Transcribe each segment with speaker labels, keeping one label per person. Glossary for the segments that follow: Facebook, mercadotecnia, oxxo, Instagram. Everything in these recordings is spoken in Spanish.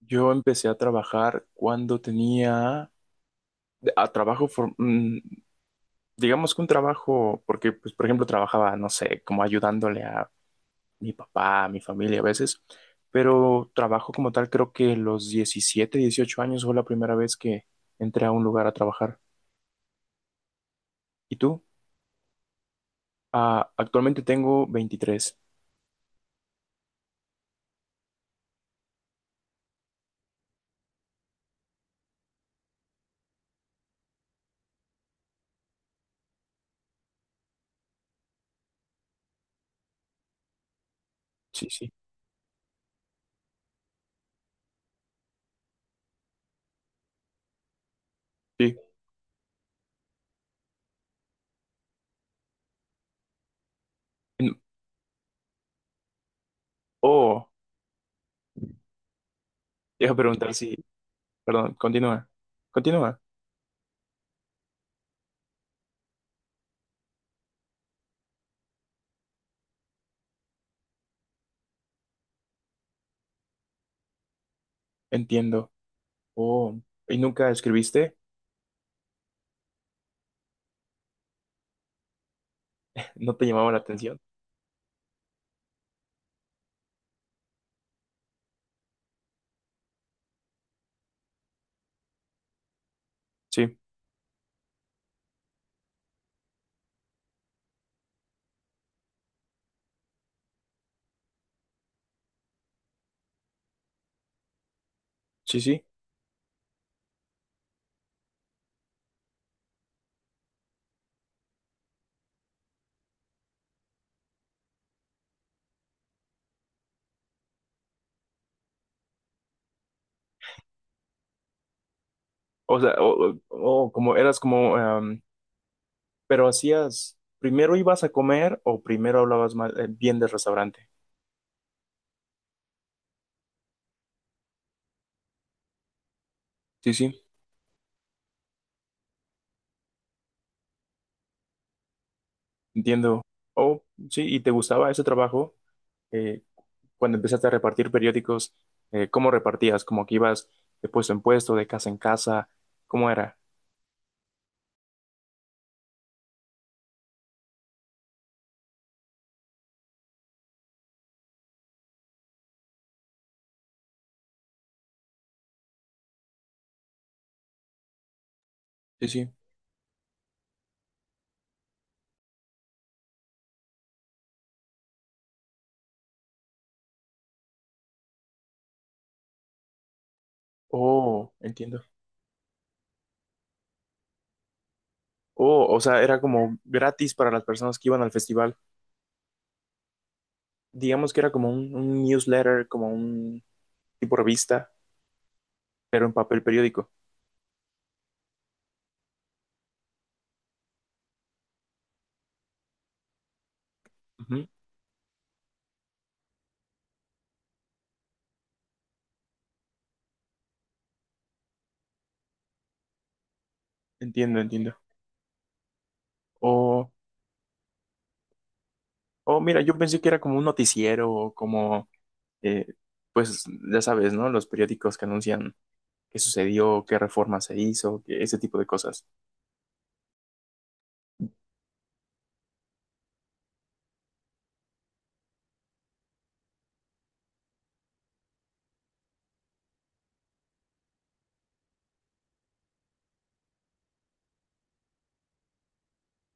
Speaker 1: Yo empecé a trabajar cuando tenía a trabajo, for- mm, digamos que un trabajo, porque pues por ejemplo trabajaba, no sé, como ayudándole a mi papá, a mi familia a veces, pero trabajo como tal creo que los 17, 18 años fue la primera vez que entré a un lugar a trabajar. ¿Y tú? Ah, actualmente tengo 23. Sí, sí, sí. En- Oh, te iba a preguntar si, perdón, continúa, continúa. Entiendo. Oh, ¿y nunca escribiste? ¿No te llamaba la atención? Sí, sí, sí. O sea, o como eras como, pero hacías, primero ibas a comer o primero hablabas mal, bien del restaurante. Sí, sí, entiendo. Oh, sí, ¿y te gustaba ese trabajo? Eh, Cuando empezaste a repartir periódicos, ¿cómo repartías? ¿Como que ibas de puesto en puesto, de casa en casa? ¿Cómo era? Sí, sí. Oh, entiendo. Oh, o sea, era como gratis para las personas que iban al festival. Digamos que era como un newsletter, como un tipo revista pero en papel periódico. Ujú. Entiendo, entiendo. O, o Mira, yo pensé que era como un noticiero o como, eh, pues ya sabes, ¿no? Los periódicos que anuncian qué sucedió, qué reforma se hizo, que ese tipo de cosas.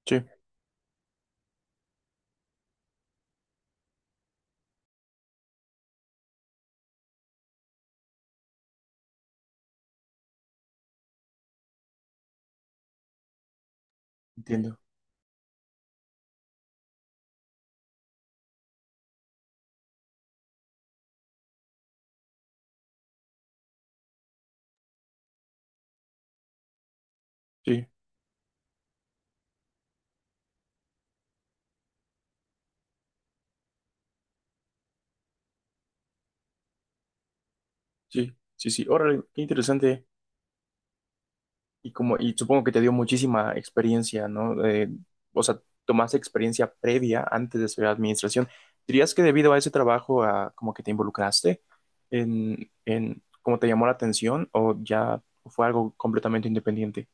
Speaker 1: Sí, entiendo. Sí, sí, sí, sí. Órale, qué interesante. Y como, y supongo que te dio muchísima experiencia, ¿no? O sea, tomaste experiencia previa antes de estudiar administración. ¿Dirías que debido a ese trabajo, como que te involucraste en cómo te llamó la atención o ya fue algo completamente independiente?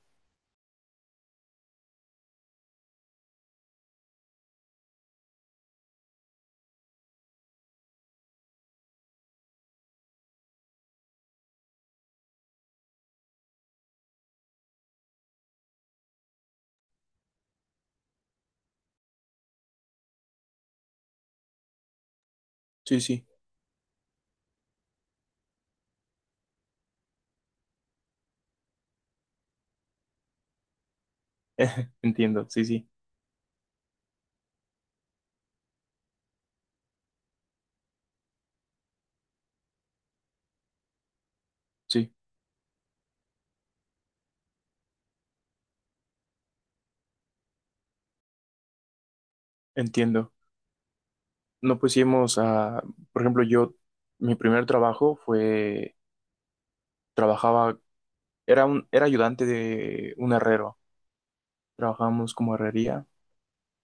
Speaker 1: Sí, sí, entiendo, sí, sí, sí, entiendo. No, pusimos a por ejemplo, yo, mi primer trabajo fue, trabajaba, era un, era ayudante de un herrero. Trabajábamos como herrería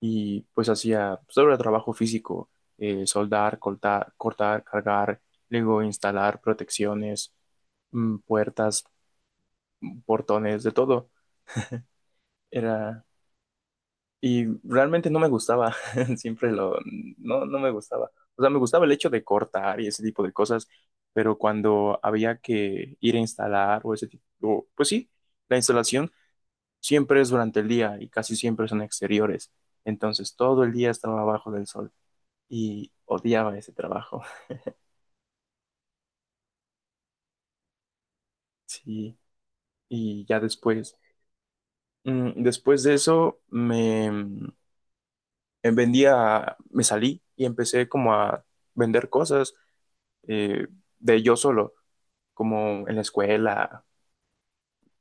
Speaker 1: y pues hacía sobre trabajo físico, soldar, cortar, cortar, cargar, luego instalar protecciones, puertas, portones, de todo. Era, y realmente no me gustaba, siempre lo, no, no me gustaba. O sea, me gustaba el hecho de cortar y ese tipo de cosas, pero cuando había que ir a instalar o ese tipo, pues sí, la instalación siempre es durante el día y casi siempre son exteriores. Entonces todo el día estaba abajo del sol y odiaba ese trabajo. Sí, y ya después, después de eso me vendía, me salí y empecé como a vender cosas, eh, de yo solo, como en la escuela,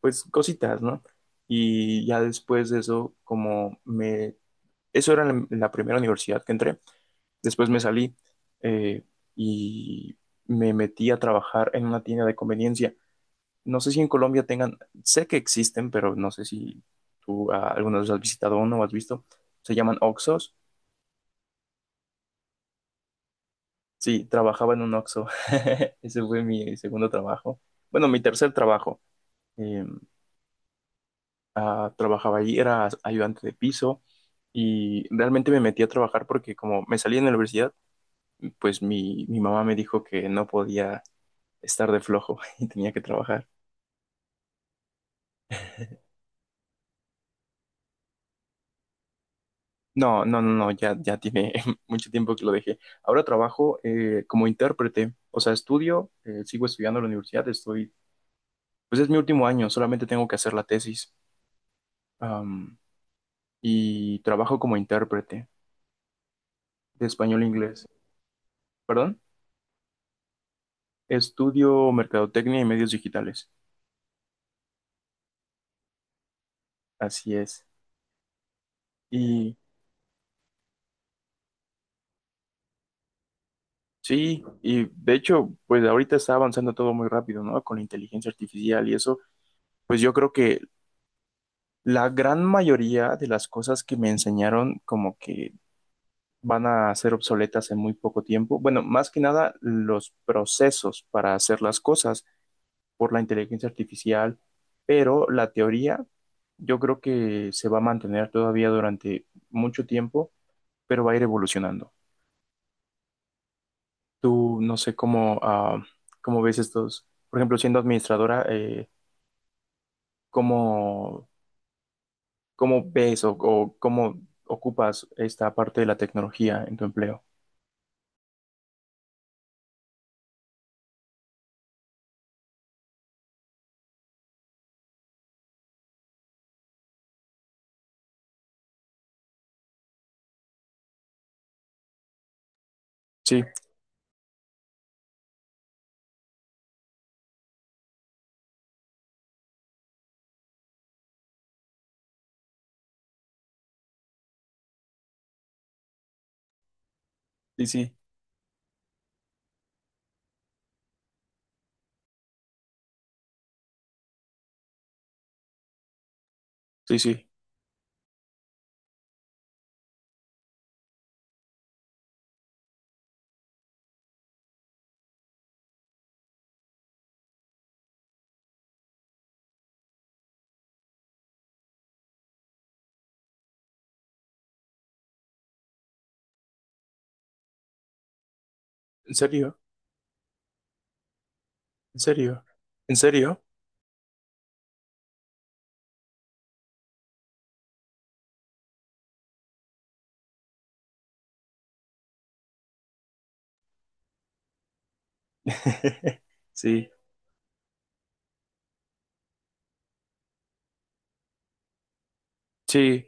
Speaker 1: pues cositas, ¿no? Y ya después de eso, eso era en la primera universidad que entré, después me salí eh, y me metí a trabajar en una tienda de conveniencia. No sé si en Colombia tengan, sé que existen, pero no sé si tú alguna vez has visitado uno o has visto. Se llaman oxxos. Sí, trabajaba en un oxxo. Ese fue mi segundo trabajo. Bueno, mi tercer trabajo. Eh, Trabajaba ahí, era ayudante de piso y realmente me metí a trabajar porque como me salí en la universidad, pues mi mamá me dijo que no podía estar de flojo y tenía que trabajar. No, no, no, no, ya, ya tiene mucho tiempo que lo dejé. Ahora trabajo como intérprete, o sea, estudio, sigo estudiando en la universidad, pues es mi último año, solamente tengo que hacer la tesis. Am, y trabajo como intérprete de español e inglés. ¿Perdón? Estudio mercadotecnia y medios digitales. Así es. Y sí, y de hecho, pues ahorita está avanzando todo muy rápido, ¿no? Con la inteligencia artificial y eso, pues yo creo que la gran mayoría de las cosas que me enseñaron como que van a ser obsoletas en muy poco tiempo. Bueno, más que nada los procesos para hacer las cosas por la inteligencia artificial, pero la teoría yo creo que se va a mantener todavía durante mucho tiempo, pero va a ir evolucionando. Tú no sé cómo ves estos, por ejemplo, siendo administradora, ¿cómo, cómo ves o cómo ocupas esta parte de la tecnología en tu empleo? Sí, sí, sí, sí, sí. ¿En serio? ¿En serio? ¿En serio? Sí, sí,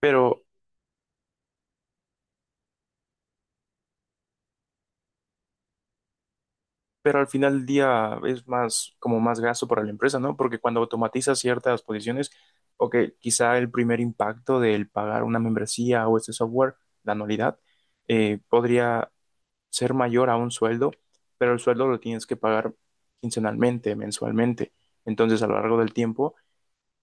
Speaker 1: pero, al final del día es más, como más gasto para la empresa, ¿no? Porque cuando automatizas ciertas posiciones, ok, quizá el primer impacto del pagar una membresía o este software, la anualidad, podría ser mayor a un sueldo, pero el sueldo lo tienes que pagar quincenalmente, mensualmente. Entonces, a lo largo del tiempo,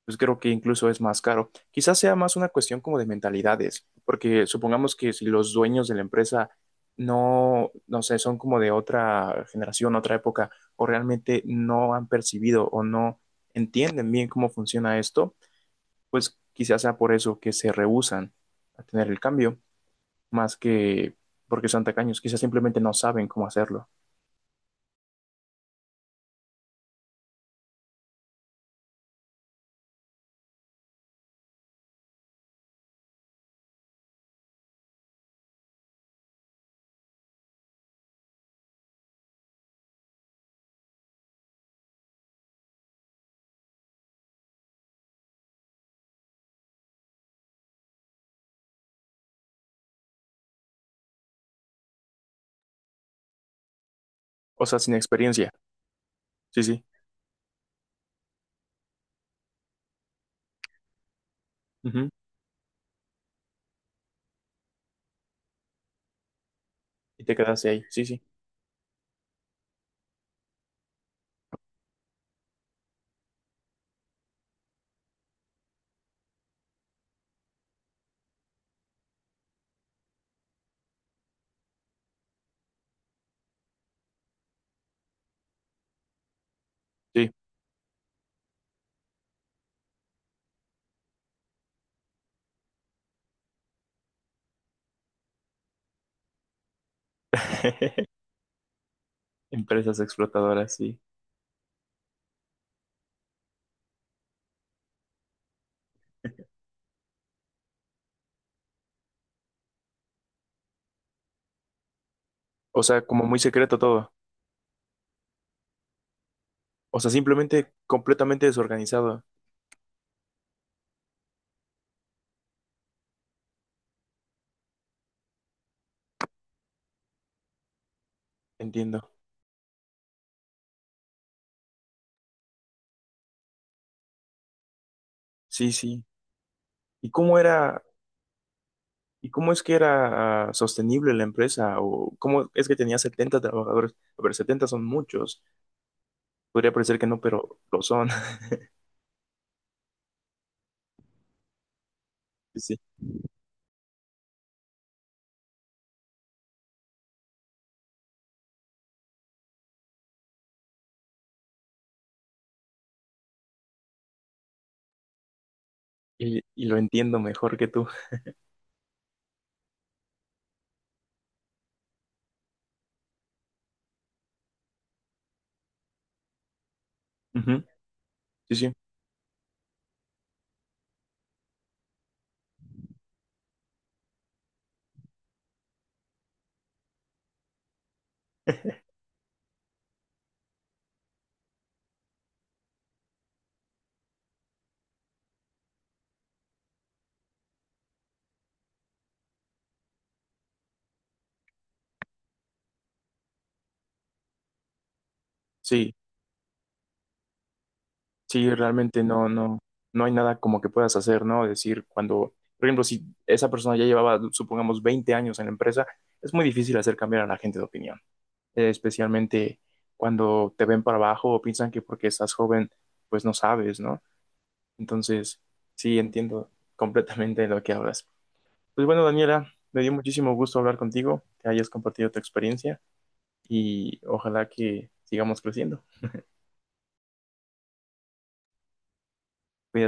Speaker 1: pues creo que incluso es más caro. Quizás sea más una cuestión como de mentalidades, porque supongamos que si los dueños de la empresa no, no sé, son como de otra generación, otra época, o realmente no han percibido o no entienden bien cómo funciona esto, pues quizás sea por eso que se rehúsan a tener el cambio, más que porque son tacaños, quizás simplemente no saben cómo hacerlo, o sea, sin experiencia. Sí, sí. Ujú. Y te quedaste ahí, sí, sí, sí. Empresas explotadoras, sí. O sea, como muy secreto todo. O sea, simplemente completamente desorganizado. Entiendo. Sí, sí. ¿Y cómo era, y cómo es que era sostenible la empresa? ¿O cómo es que tenía 70 trabajadores? A ver, 70 son muchos. Podría parecer que no, pero lo son. Sí, sí. Y lo entiendo mejor que tú. Ujú. Sí, sí. Sí, sí, realmente no, no, no hay nada como que puedas hacer, ¿no? Decir, cuando, por ejemplo, si esa persona ya llevaba, supongamos, 20 años en la empresa, es muy difícil hacer cambiar a la gente de opinión. Especialmente cuando te ven para abajo o piensan que porque estás joven, pues no sabes, ¿no? Entonces, sí, entiendo completamente de lo que hablas. Pues bueno, Daniela, me dio muchísimo gusto hablar contigo, que hayas compartido tu experiencia y ojalá que sigamos creciendo. Cuídate.